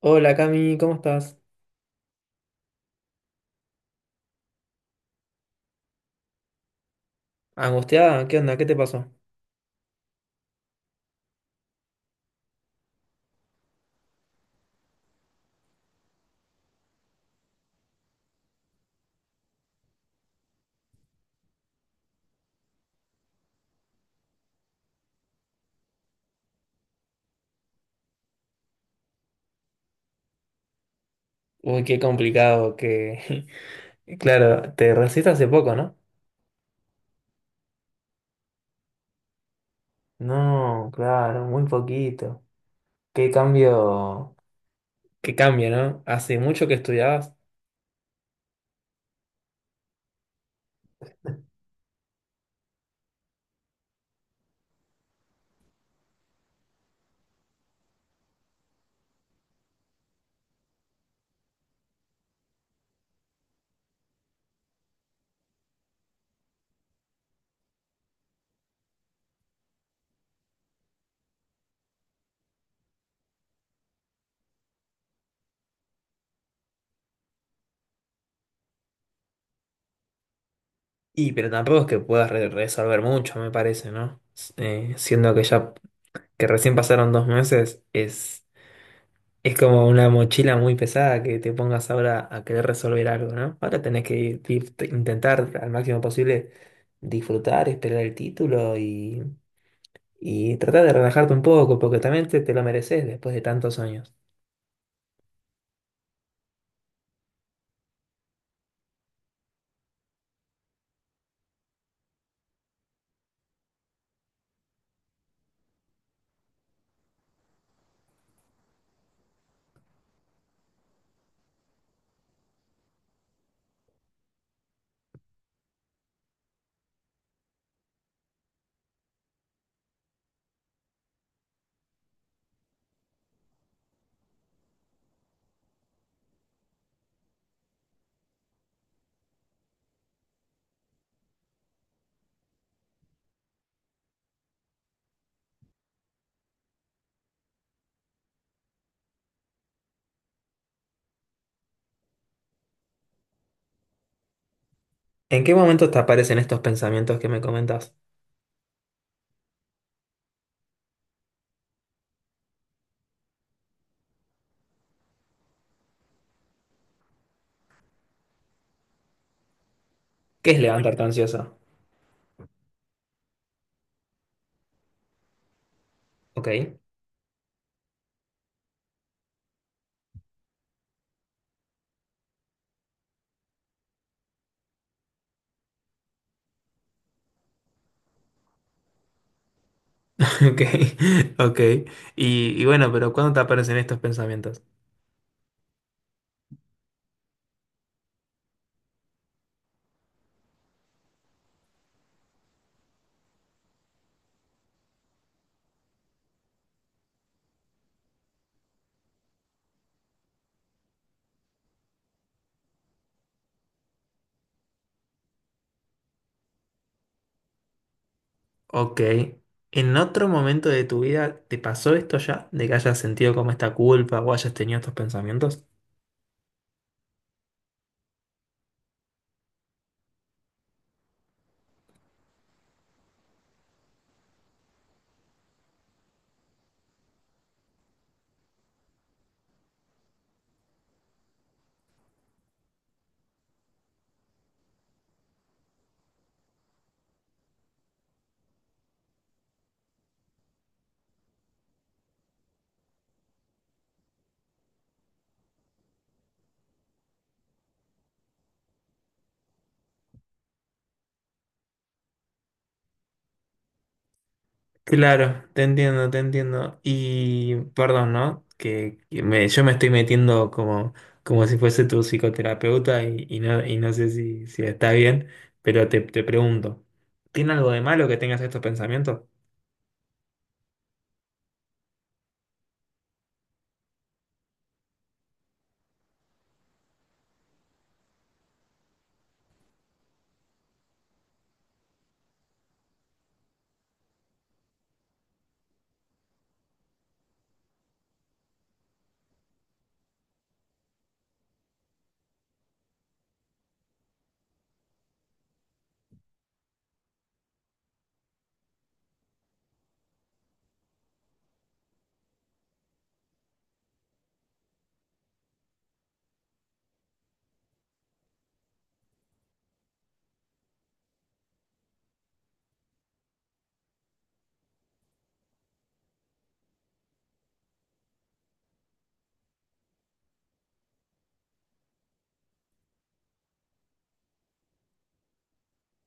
Hola Cami, ¿cómo estás? ¿Angustiada? ¿Qué onda? ¿Qué te pasó? Uy, qué complicado que... Claro, te recibiste hace poco, ¿no? No, claro, muy poquito. Qué cambio... Qué cambio, ¿no? Hace mucho que estudiabas. Y pero tampoco es que puedas resolver mucho, me parece, ¿no? Siendo que ya... que recién pasaron dos meses, es. Es como una mochila muy pesada que te pongas ahora a querer resolver algo, ¿no? Ahora tenés que intentar al máximo posible disfrutar, esperar el título y tratar de relajarte un poco, porque también te lo mereces después de tantos años. ¿En qué momento te aparecen estos pensamientos que me comentas? ¿Qué es levantarte ansioso? Ok, ok, ok. Y bueno, pero ¿cuándo te aparecen estos pensamientos? Ok. ¿En otro momento de tu vida te pasó esto ya? ¿De que hayas sentido como esta culpa o hayas tenido estos pensamientos? Claro, te entiendo, te entiendo. Y perdón, ¿no? Yo me estoy metiendo como, como si fuese tu psicoterapeuta y no sé si, si está bien, pero te pregunto, ¿tiene algo de malo que tengas estos pensamientos?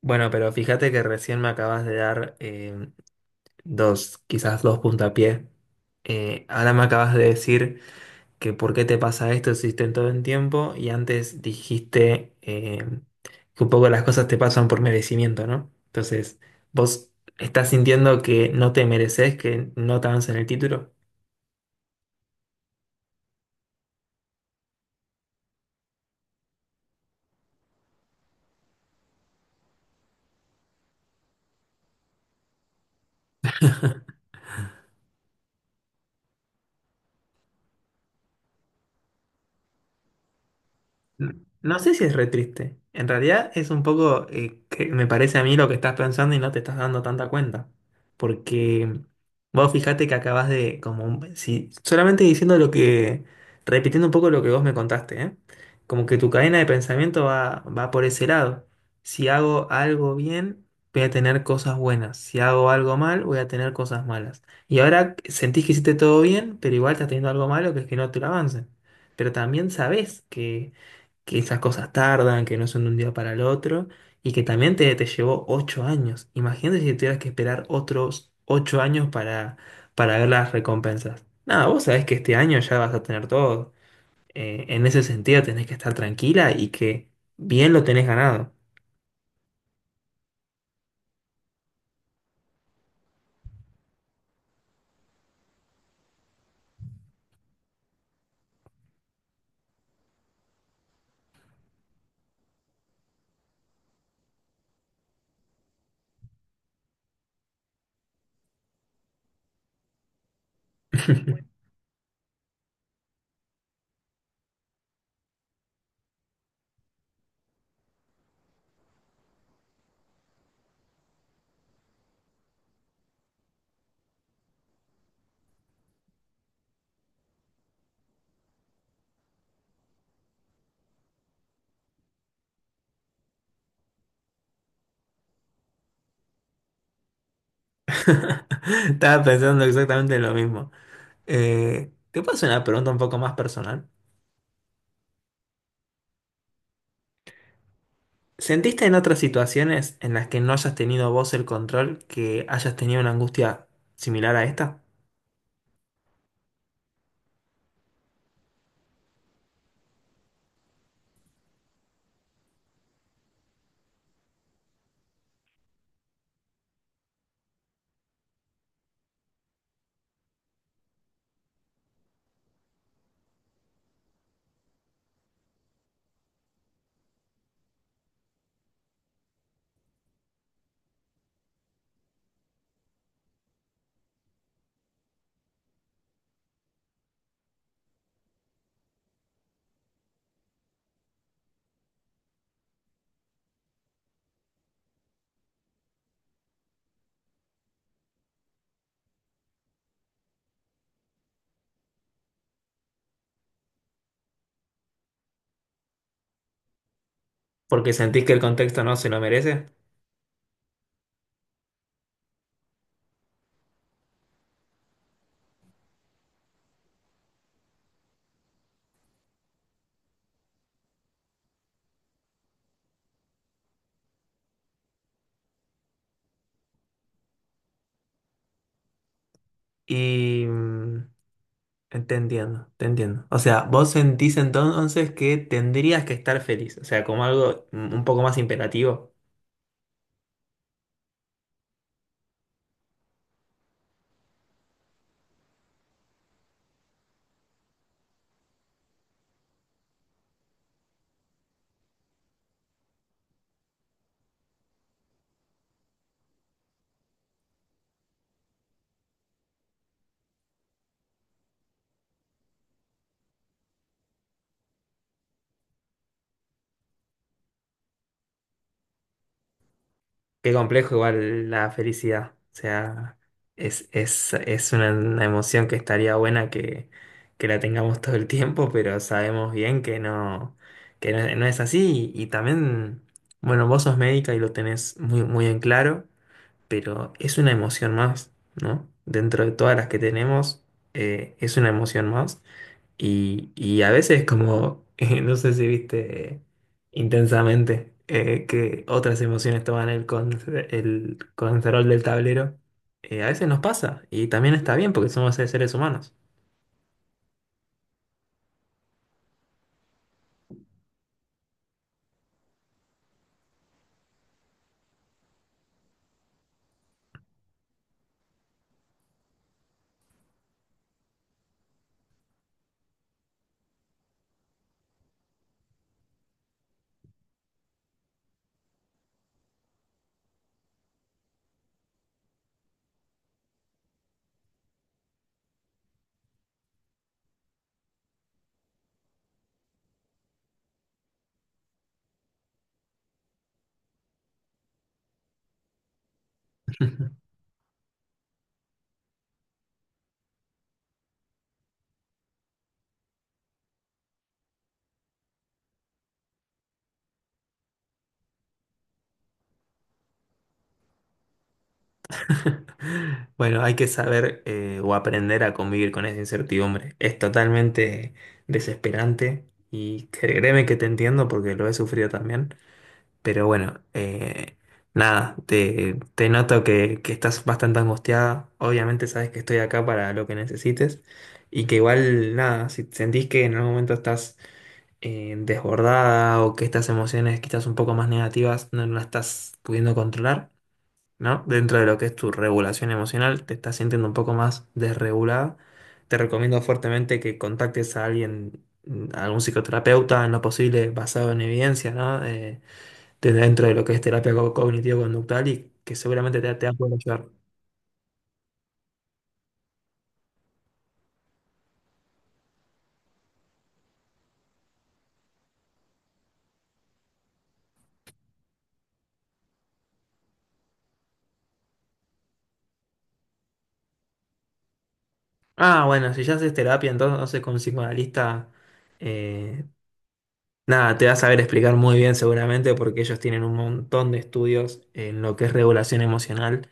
Bueno, pero fíjate que recién me acabas de dar dos, quizás dos puntapiés. Ahora me acabas de decir que por qué te pasa esto si todo el tiempo y antes dijiste que un poco las cosas te pasan por merecimiento, ¿no? Entonces, vos estás sintiendo que no te mereces, que no te avancen el título. No sé si es re triste. En realidad es un poco que me parece a mí lo que estás pensando y no te estás dando tanta cuenta. Porque vos fijate que acabas de, como, si, solamente diciendo lo que, repitiendo un poco lo que vos me contaste, ¿eh? Como que tu cadena de pensamiento va, va por ese lado. Si hago algo bien, voy a tener cosas buenas. Si hago algo mal, voy a tener cosas malas. Y ahora sentís que hiciste todo bien, pero igual estás teniendo algo malo que es que no te lo avancen. Pero también sabés que esas cosas tardan, que no son de un día para el otro, y que también te llevó 8 años. Imagínate si tuvieras que esperar otros 8 años para ver las recompensas. Nada, vos sabés que este año ya vas a tener todo. En ese sentido tenés que estar tranquila y que bien lo tenés ganado. Estaba pensando exactamente lo mismo. Te paso una pregunta un poco más personal. ¿Sentiste en otras situaciones en las que no hayas tenido vos el control que hayas tenido una angustia similar a esta? Porque sentís que el contexto no se lo merece. Y mm, Te entiendo, te entiendo. O sea, vos sentís entonces que tendrías que estar feliz, o sea, como algo un poco más imperativo. Qué complejo igual la felicidad. O sea, es una emoción que estaría buena que la tengamos todo el tiempo, pero sabemos bien que no, no es así. Y también, bueno, vos sos médica y lo tenés muy, muy en claro, pero es una emoción más, ¿no? Dentro de todas las que tenemos, es una emoción más. Y a veces como, no sé si viste intensamente que otras emociones toman el, el control del tablero, a veces nos pasa y también está bien porque somos seres humanos. Bueno, hay que saber o aprender a convivir con esa incertidumbre. Es totalmente desesperante y créeme que te entiendo porque lo he sufrido también. Pero bueno, nada, te noto que estás bastante angustiada. Obviamente sabes que estoy acá para lo que necesites y que igual, nada, si sentís que en algún momento estás desbordada o que estas emociones quizás un poco más negativas no las estás pudiendo controlar, ¿no? Dentro de lo que es tu regulación emocional, te estás sintiendo un poco más desregulada. Te recomiendo fuertemente que contactes a alguien, mm, a algún psicoterapeuta en lo posible basado en evidencia, ¿no? Dentro de lo que es terapia cognitivo-conductual y que seguramente te, te va a poder ayudar. Ah, bueno, si ya haces terapia, entonces con un psicoanalista, eh, nada, te va a saber explicar muy bien seguramente porque ellos tienen un montón de estudios en lo que es regulación emocional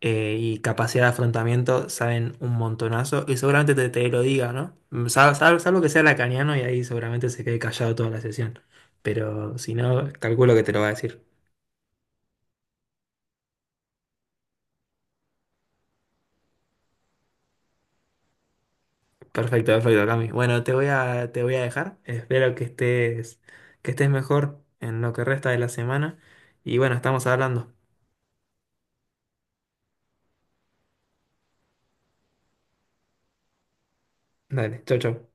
y capacidad de afrontamiento, saben un montonazo y seguramente te, te lo diga, ¿no? Salvo que sea lacaniano y ahí seguramente se quede callado toda la sesión, pero si no, calculo que te lo va a decir. Perfecto, perfecto, Cami. Bueno, te voy a dejar. Espero que estés mejor en lo que resta de la semana. Y bueno, estamos hablando. Dale, chau, chau.